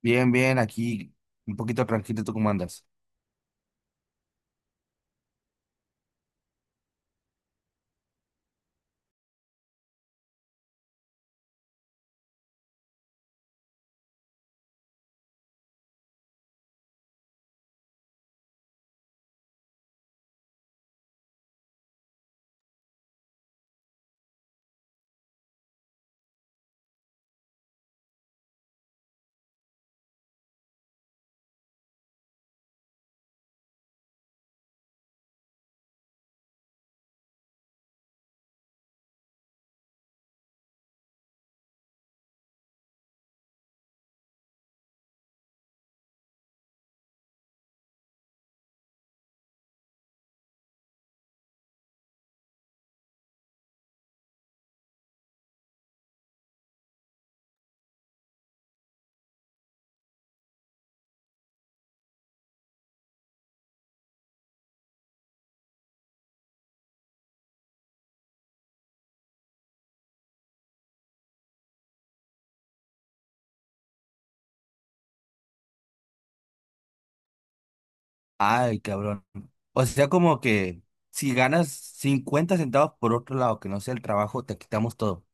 Bien, bien, aquí un poquito tranquilo, ¿tú cómo andas? Ay, cabrón. O sea, como que si ganas 50 centavos por otro lado, que no sea el trabajo, te quitamos todo.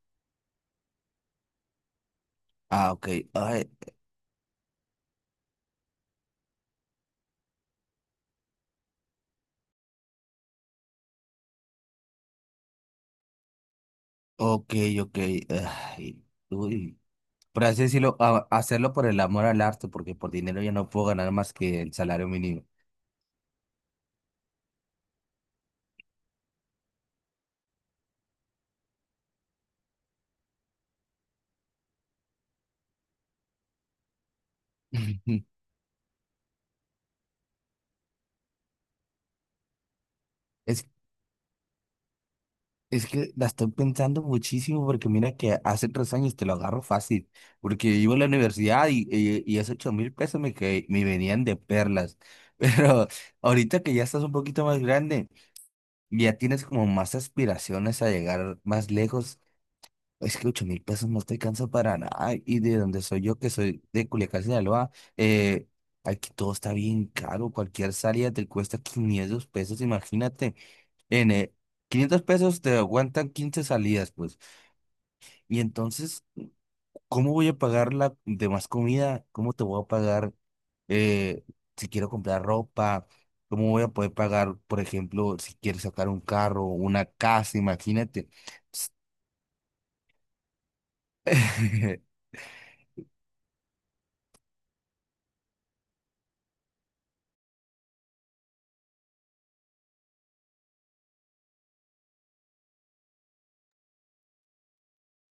Ah, ok. Ay, ok, ok. Ay, uy. Por así decirlo, hacerlo por el amor al arte, porque por dinero ya no puedo ganar más que el salario mínimo. Es Es que la estoy pensando muchísimo porque mira que hace 3 años te lo agarro fácil, porque iba a la universidad y esos 8,000 pesos que me venían de perlas. Pero ahorita que ya estás un poquito más grande ya tienes como más aspiraciones a llegar más lejos, es que 8,000 pesos no te alcanza para nada y de donde soy yo, que soy de Culiacán, Sinaloa, eh, aquí todo está bien caro, cualquier salida te cuesta 500 pesos, imagínate. N, 500 pesos te aguantan 15 salidas, pues. Y entonces, ¿cómo voy a pagar la demás comida? ¿Cómo te voy a pagar, eh, si quiero comprar ropa? ¿Cómo voy a poder pagar, por ejemplo, si quieres sacar un carro, una casa? Imagínate.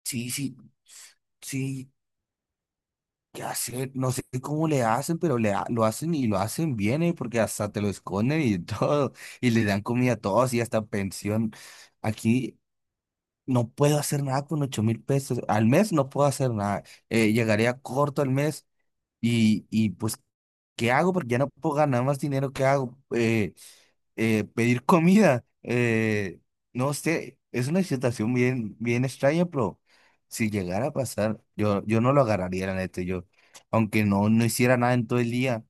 Sí, sí, sí, ¿qué hacer? No sé cómo le hacen, pero lo hacen y lo hacen bien, ¿eh? Porque hasta te lo esconden y todo, y le dan comida a todos y hasta pensión. Aquí No puedo hacer nada con 8,000 pesos. Al mes no puedo hacer nada. Llegaría corto al mes, y pues, ¿qué hago? Porque ya no puedo ganar más dinero. ¿Qué hago? Pedir comida. No sé, es una situación bien, bien extraña, pero si llegara a pasar, yo no lo agarraría, la neta, yo, aunque no hiciera nada en todo el día,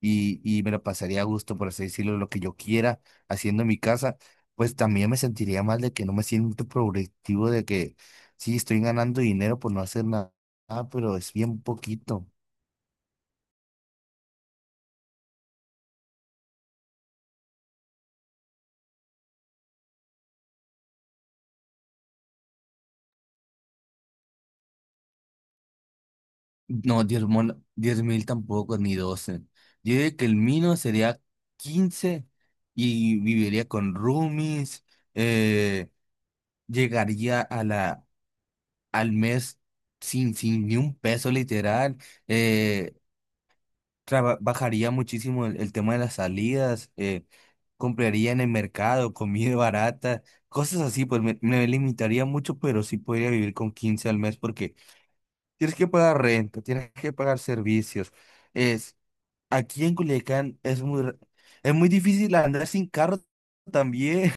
y me lo pasaría a gusto, por así decirlo, lo que yo quiera haciendo en mi casa, pues también me sentiría mal de que no me siento productivo, de que sí estoy ganando dinero por no hacer nada, pero es bien poquito. No, diez mil tampoco, ni 12. Yo diría que el mínimo sería 15 y viviría con roomies. eh, llegaría a la, al mes sin ni un peso literal. eh, bajaría muchísimo el tema de las salidas. Compraría en el mercado comida barata. Cosas así, pues me limitaría mucho, pero sí podría vivir con 15 al mes porque tienes que pagar renta, tienes que pagar servicios. Es Aquí en Culiacán es muy difícil andar sin carro también.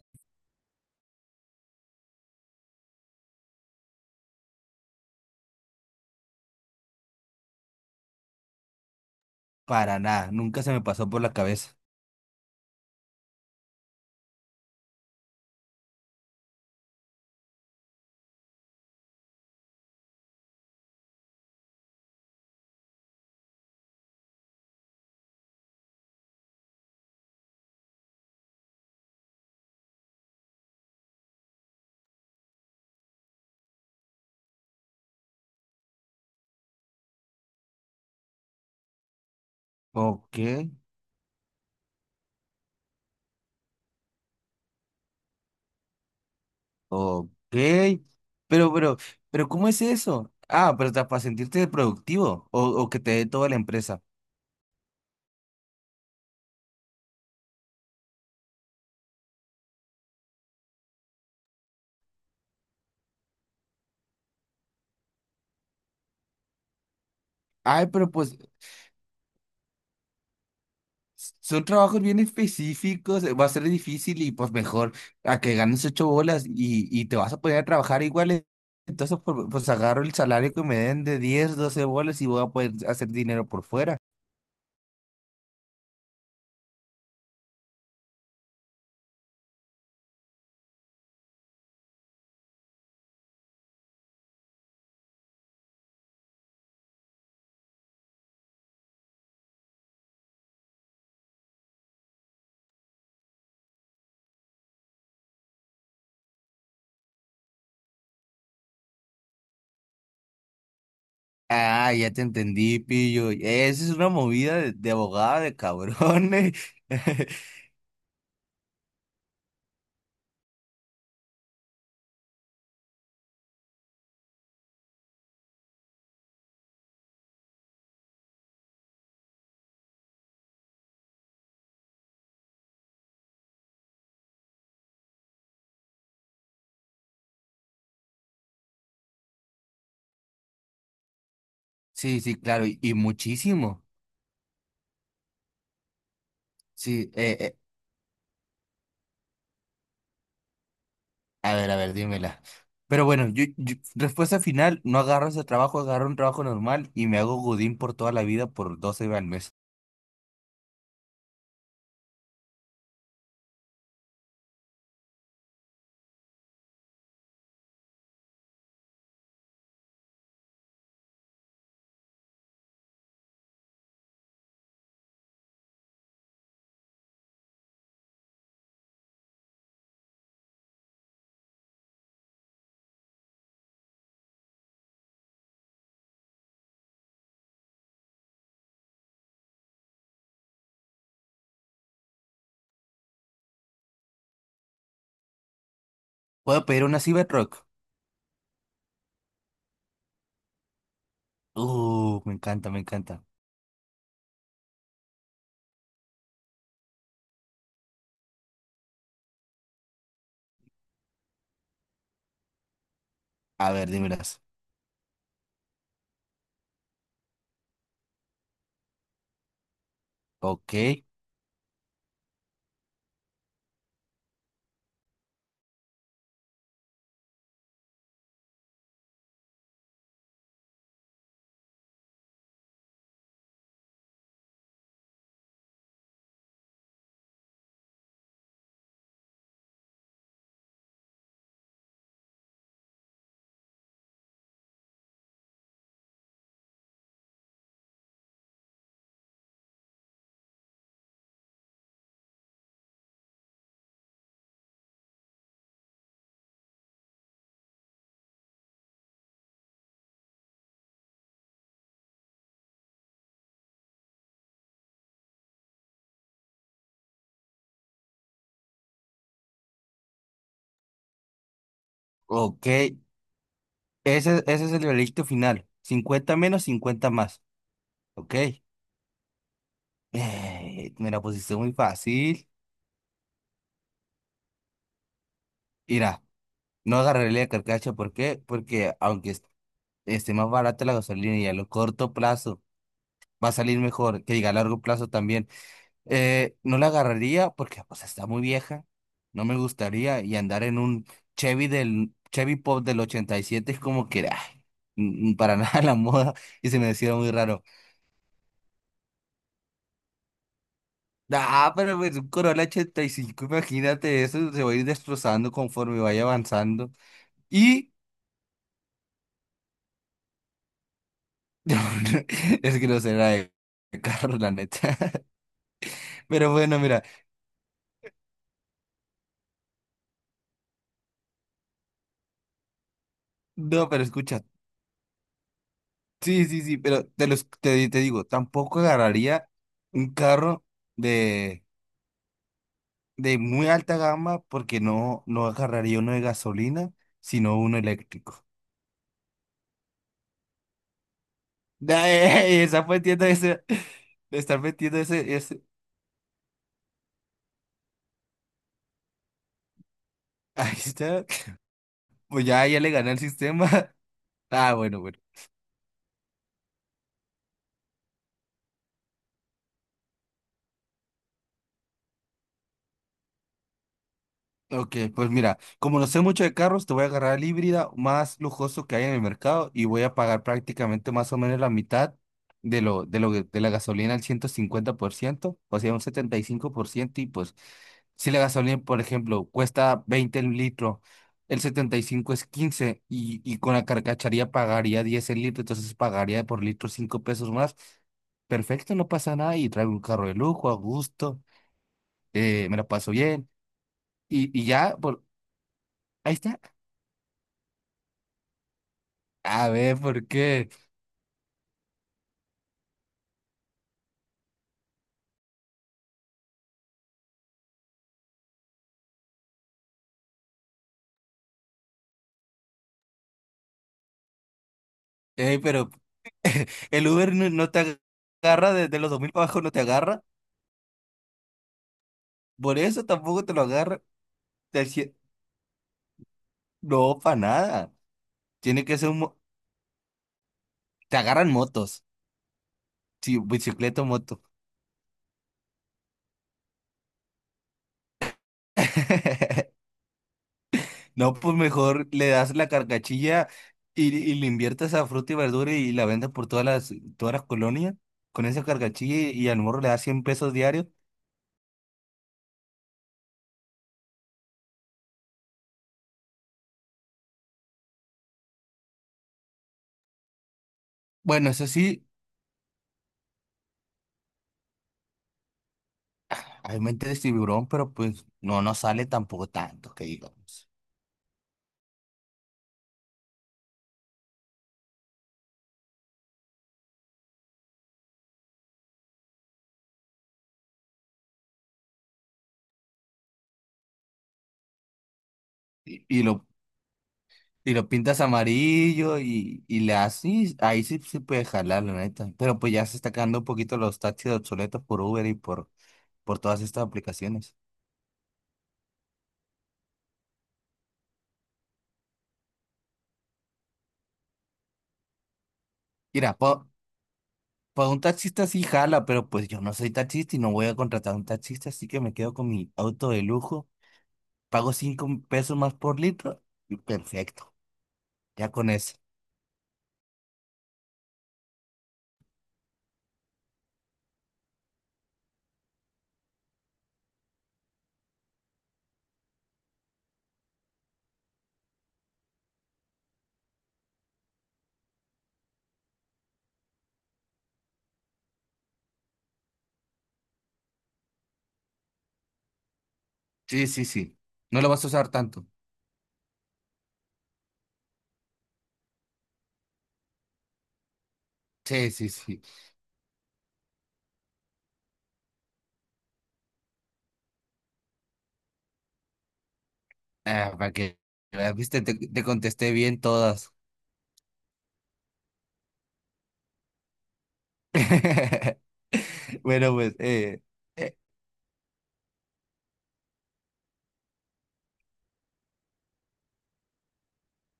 Para nada, nunca se me pasó por la cabeza. Ok, ok. Pero, pero, pero, ¿cómo es eso? Ah, pero para sentirte productivo o que te dé toda la empresa. Ay, pero pues son trabajos bien específicos. Va a ser difícil y pues mejor a que ganes ocho bolas y te vas a poner a trabajar igual. Entonces, pues agarro el salario que me den de 10 12 bolas y voy a poder hacer dinero por fuera. Ah, ya te entendí, pillo. Esa es una movida de abogada de cabrones. Sí, sí, claro, y muchísimo. Sí, a ver, dímela. Pero bueno, respuesta final, no agarro ese trabajo, agarro un trabajo normal y me hago godín por toda la vida por 12 al mes. ¿Puedo pedir una Cybertruck? Me encanta, me encanta. A ver, dímelas. Ok, ok. Ese es el veredicto final. 50 menos, 50 más. Ok. Me la pusiste muy fácil. Mira, no agarraré la carcacha. ¿Por qué? Porque aunque esté más barata la gasolina y a lo corto plazo va a salir mejor, que diga a largo plazo también. No la agarraría porque pues está muy vieja. No me gustaría y andar en un Chevy del Chevy Pop del 87 es como que ay, mm, para nada la moda y se me decía muy raro. Ah, pero pues, un Corolla 85, imagínate eso, se va a ir destrozando conforme vaya avanzando. y No, no, es que no será de carro, la neta. Pero bueno, mira, no, pero escucha, sí, sí, sí, pero te, los, te, di- te digo, tampoco agarraría un carro de, de muy alta gama porque no agarraría uno de gasolina, sino uno eléctrico. Ay, está metiendo ese, estar metiendo ese, ese, ahí está. Pues ya le gané el sistema. Ah, bueno, bueno. Ok, pues mira, como no sé mucho de carros, te voy a agarrar el híbrida más lujoso que hay en el mercado y voy a pagar prácticamente más o menos la mitad de la gasolina al 150%, o sea, un 75%, y pues si la gasolina, por ejemplo, cuesta 20 el litro, el 75 es 15, y con la carcacharía pagaría 10 el litro, entonces pagaría por litro 5 pesos más. Perfecto, no pasa nada y traigo un carro de lujo, a gusto, me la paso bien, y ya, ahí está. A ver, ¿por qué? Ey, pero el Uber no te agarra desde los 2000 para abajo, no te agarra. Por eso tampoco te lo agarra. Te hacía- No, para nada. Tiene que ser un. Te agarran motos. Sí, bicicleta o moto. No, pues mejor le das la carcachilla, y le inviertes a fruta y verdura y la vendes por todas las colonias con esa carcachilla y al morro le das 100 pesos diarios. Bueno, eso sí. Hay mente de tiburón, pero pues no nos sale tampoco tanto, que digamos. Y, y lo, y lo pintas amarillo, y le haces ahí sí se puede jalar, la neta. Pero pues ya se está quedando un poquito los taxis obsoletos por Uber y por todas estas aplicaciones. Mira, por un taxista sí jala, pero pues yo no soy taxista y no voy a contratar a un taxista, así que me quedo con mi auto de lujo, pago 5 pesos más por litro y perfecto, ya con eso. Sí, sí, sí. No lo vas a usar tanto. Sí, sí, sí. Ah, para que veas, viste, te contesté bien todas. Bueno, pues, eh,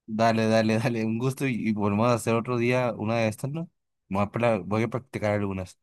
dale, dale, dale, un gusto, y volvemos a hacer otro día una de estas, ¿no? Voy a practicar algunas.